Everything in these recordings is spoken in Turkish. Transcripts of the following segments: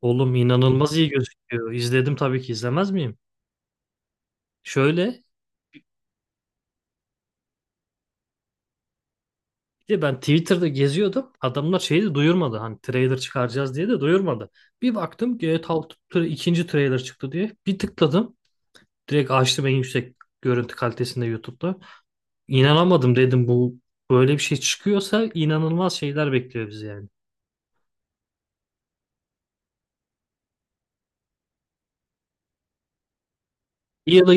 Oğlum inanılmaz iyi gözüküyor. İzledim, tabii ki izlemez miyim? Şöyle, bir de ben Twitter'da geziyordum. Adamlar şeyi de duyurmadı. Hani trailer çıkaracağız diye de duyurmadı. Bir baktım GTA 6 ikinci trailer çıktı diye. Bir tıkladım. Direkt açtım en yüksek görüntü kalitesinde YouTube'da. İnanamadım, dedim bu böyle bir şey çıkıyorsa inanılmaz şeyler bekliyor bizi yani. İyi ya da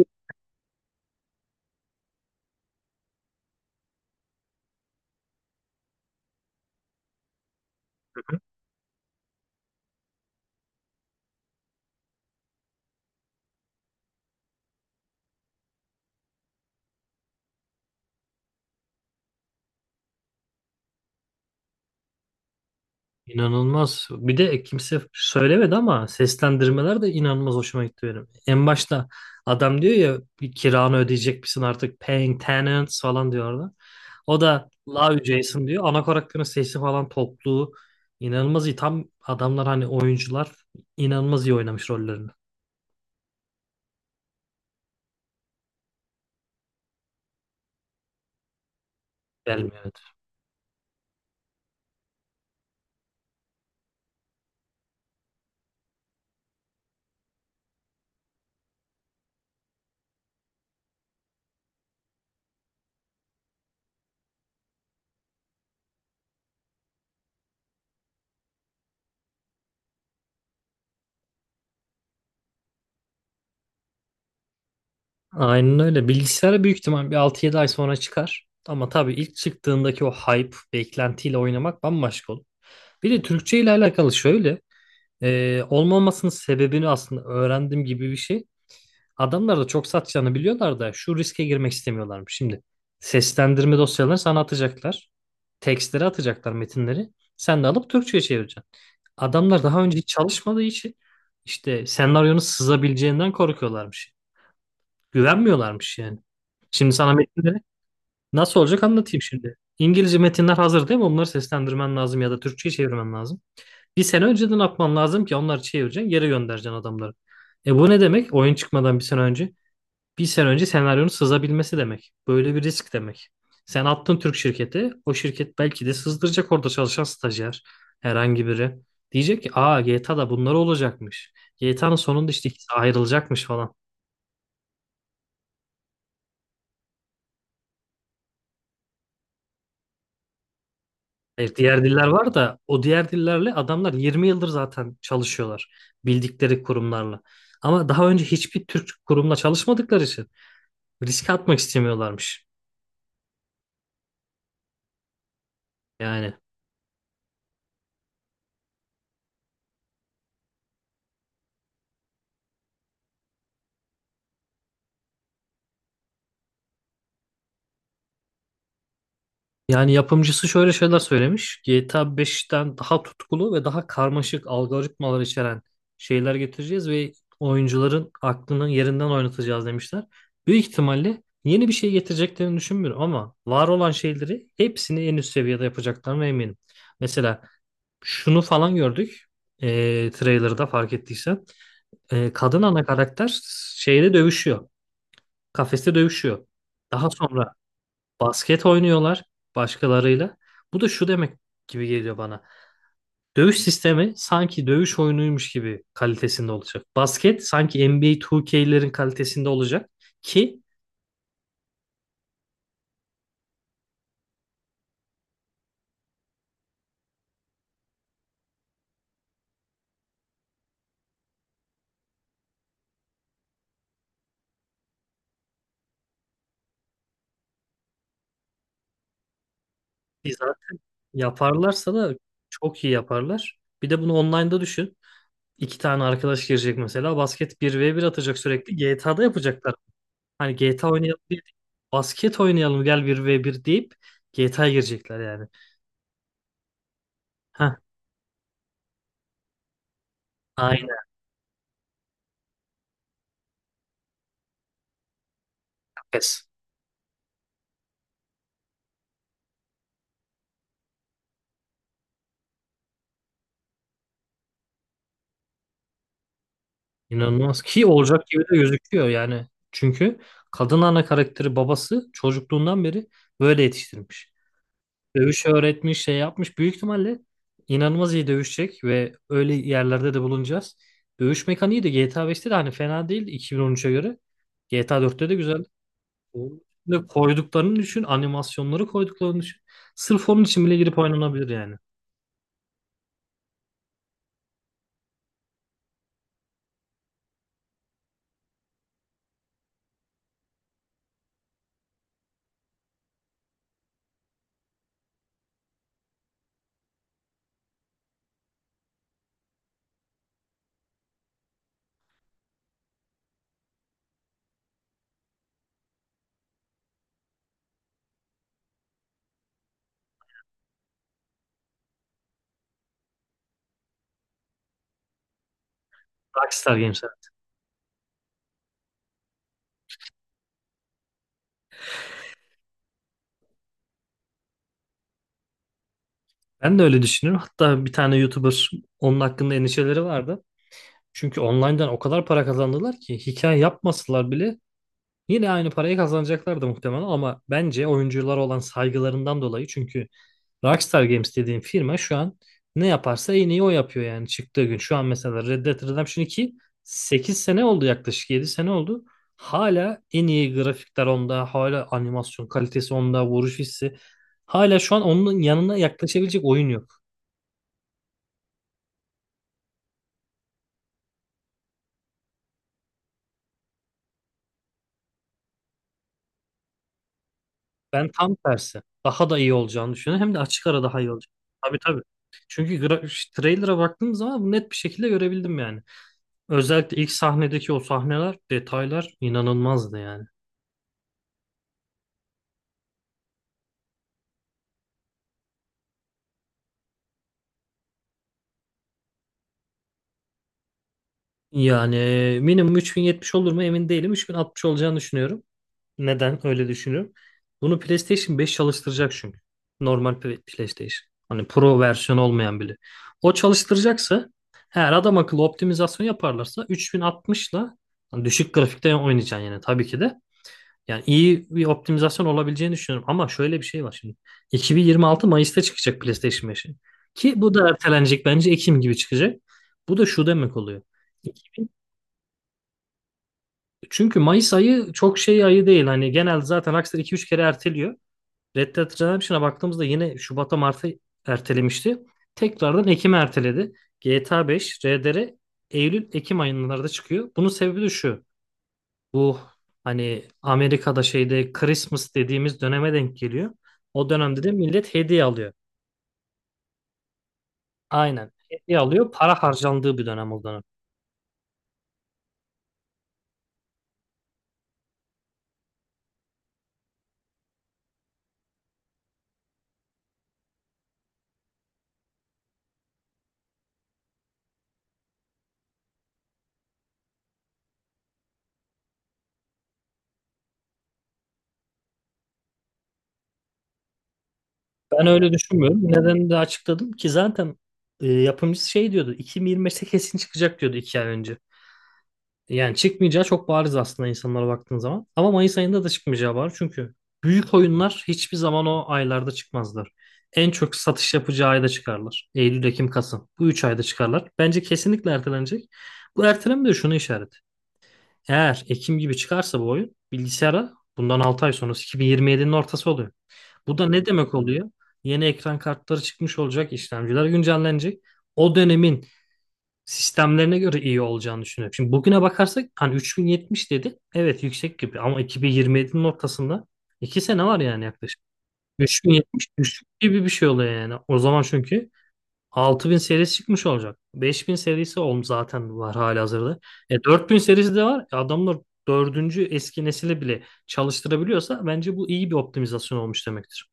İnanılmaz. Bir de kimse söylemedi ama seslendirmeler de inanılmaz hoşuma gitti benim. En başta adam diyor ya, bir kiranı ödeyecek misin artık, paying tenants falan diyor orada. O da Love Jason diyor. Ana karakterin sesi falan topluğu inanılmaz iyi. Tam adamlar hani oyuncular inanılmaz iyi oynamış rollerini. Gelmiyor. Evet. Aynen öyle. Bilgisayara büyük ihtimal bir altı yedi ay sonra çıkar. Ama tabii ilk çıktığındaki o hype, beklentiyle oynamak bambaşka olur. Bir de Türkçe ile alakalı şöyle. Olmamasının sebebini aslında öğrendim gibi bir şey. Adamlar da çok satacağını biliyorlar da şu riske girmek istemiyorlarmış. Şimdi seslendirme dosyalarını sana atacaklar. Tekstleri atacaklar, metinleri. Sen de alıp Türkçe'ye çevireceksin. Adamlar daha önce hiç çalışmadığı için işte senaryonun sızabileceğinden korkuyorlarmış. Güvenmiyorlarmış yani. Şimdi sana metinleri nasıl olacak anlatayım şimdi. İngilizce metinler hazır değil mi? Onları seslendirmen lazım ya da Türkçe'ye çevirmen lazım. Bir sene önceden atman lazım ki onları çevireceksin, geri göndereceksin adamları. E bu ne demek? Oyun çıkmadan bir sene önce. Bir sene önce senaryonun sızabilmesi demek. Böyle bir risk demek. Sen attın Türk şirketi, o şirket belki de sızdıracak, orada çalışan stajyer, herhangi biri. Diyecek ki, aa G T A da bunlar olacakmış. GTA'nın sonunda işte ikisi ayrılacakmış falan. Hayır, diğer diller var da o diğer dillerle adamlar 20 yıldır zaten çalışıyorlar. Bildikleri kurumlarla. Ama daha önce hiçbir Türk kurumla çalışmadıkları için risk atmak istemiyorlarmış. Yani yapımcısı şöyle şeyler söylemiş. GTA 5'ten daha tutkulu ve daha karmaşık algoritmalar içeren şeyler getireceğiz ve oyuncuların aklını yerinden oynatacağız demişler. Büyük ihtimalle yeni bir şey getireceklerini düşünmüyorum ama var olan şeyleri hepsini en üst seviyede yapacaklarına eminim. Mesela şunu falan gördük. Trailer'da fark ettiysen. Kadın ana karakter şeyde dövüşüyor. Kafeste dövüşüyor. Daha sonra basket oynuyorlar başkalarıyla. Bu da şu demek gibi geliyor bana. Dövüş sistemi sanki dövüş oyunuymuş gibi kalitesinde olacak. Basket sanki NBA 2K'lerin kalitesinde olacak ki biz zaten yaparlarsa da çok iyi yaparlar. Bir de bunu online'da düşün. İki tane arkadaş girecek mesela, basket bir ve bir atacak sürekli. GTA'da yapacaklar. Hani GTA oynayalım diye değil, basket oynayalım gel bir ve bir deyip GTA'ya girecekler yani. Heh, aynen. Pes. İnanılmaz, ki olacak gibi de gözüküyor yani. Çünkü kadın ana karakteri babası çocukluğundan beri böyle yetiştirmiş. Dövüş öğretmiş, şey yapmış. Büyük ihtimalle inanılmaz iyi dövüşecek ve öyle yerlerde de bulunacağız. Dövüş mekaniği de GTA 5'te de hani fena değil 2013'e göre. GTA 4'te de güzel. Ve koyduklarını düşün, animasyonları koyduklarını düşün. Sırf onun için bile girip oynanabilir yani. Rockstar Games'e. Ben de öyle düşünüyorum. Hatta bir tane YouTuber onun hakkında endişeleri vardı. Çünkü online'dan o kadar para kazandılar ki hikaye yapmasalar bile yine aynı parayı kazanacaklardı muhtemelen, ama bence oyunculara olan saygılarından dolayı, çünkü Rockstar Games dediğim firma şu an ne yaparsa en iyi o yapıyor yani çıktığı gün. Şu an mesela Red Dead Redemption 2 8 sene oldu, yaklaşık 7 sene oldu. Hala en iyi grafikler onda, hala animasyon kalitesi onda, vuruş hissi. Hala şu an onun yanına yaklaşabilecek oyun yok. Ben tam tersi. Daha da iyi olacağını düşünüyorum. Hem de açık ara daha iyi olacak. Tabii tabii. Çünkü trailer'a baktığım zaman bunu net bir şekilde görebildim yani. Özellikle ilk sahnedeki o sahneler, detaylar inanılmazdı yani. Yani minimum 3070 olur mu, emin değilim. 3060 olacağını düşünüyorum. Neden öyle düşünüyorum? Bunu PlayStation 5 çalıştıracak çünkü. Normal PlayStation. Hani Pro versiyonu olmayan bile. O çalıştıracaksa eğer, adam akıllı optimizasyon yaparlarsa 3060'la hani düşük grafikte oynayacaksın yani tabii ki de. Yani iyi bir optimizasyon olabileceğini düşünüyorum. Ama şöyle bir şey var şimdi. 2026 Mayıs'ta çıkacak PlayStation 5'in. Ki bu da ertelenecek bence, Ekim gibi çıkacak. Bu da şu demek oluyor. 2000 Çünkü Mayıs ayı çok şey ayı değil. Hani genelde zaten Rockstar iki üç kere erteliyor. Red Dead Redemption'a baktığımızda yine Şubat'a, Mart'a ertelemişti. Tekrardan Ekim'e erteledi. GTA 5, RDR Eylül-Ekim aylarında çıkıyor. Bunun sebebi de şu. Bu hani Amerika'da şeyde Christmas dediğimiz döneme denk geliyor. O dönemde de millet hediye alıyor. Aynen. Hediye alıyor. Para harcandığı bir dönem o dönem. Ben öyle düşünmüyorum. Nedenini de açıkladım ki zaten. Yapımcısı şey diyordu, 2025'te kesin çıkacak diyordu iki ay önce. Yani çıkmayacağı çok bariz aslında insanlara baktığın zaman. Ama Mayıs ayında da çıkmayacağı var. Çünkü büyük oyunlar hiçbir zaman o aylarda çıkmazlar. En çok satış yapacağı ayda çıkarlar. Eylül, Ekim, Kasım. Bu üç ayda çıkarlar. Bence kesinlikle ertelenecek. Bu erteleme de şunu işaret. Eğer Ekim gibi çıkarsa bu oyun, bilgisayara bundan 6 ay sonrası 2027'nin ortası oluyor. Bu da ne demek oluyor? Yeni ekran kartları çıkmış olacak, işlemciler güncellenecek. O dönemin sistemlerine göre iyi olacağını düşünüyorum. Şimdi bugüne bakarsak hani 3070 dedi. Evet yüksek gibi, ama 2027'nin ortasında 2 sene var yani yaklaşık. 3070 düşük gibi bir şey oluyor yani. O zaman çünkü 6000 serisi çıkmış olacak. 5000 serisi zaten var halihazırda. E 4000 serisi de var. Adamlar dördüncü eski nesile bile çalıştırabiliyorsa bence bu iyi bir optimizasyon olmuş demektir.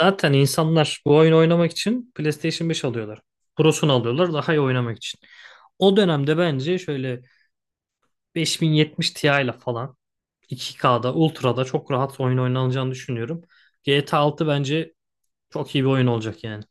Zaten insanlar bu oyunu oynamak için PlayStation 5 alıyorlar. Pro'sunu alıyorlar daha iyi oynamak için. O dönemde bence şöyle 5070 Ti ile falan 2K'da, Ultra'da çok rahat oyun oynanacağını düşünüyorum. GTA 6 bence çok iyi bir oyun olacak yani.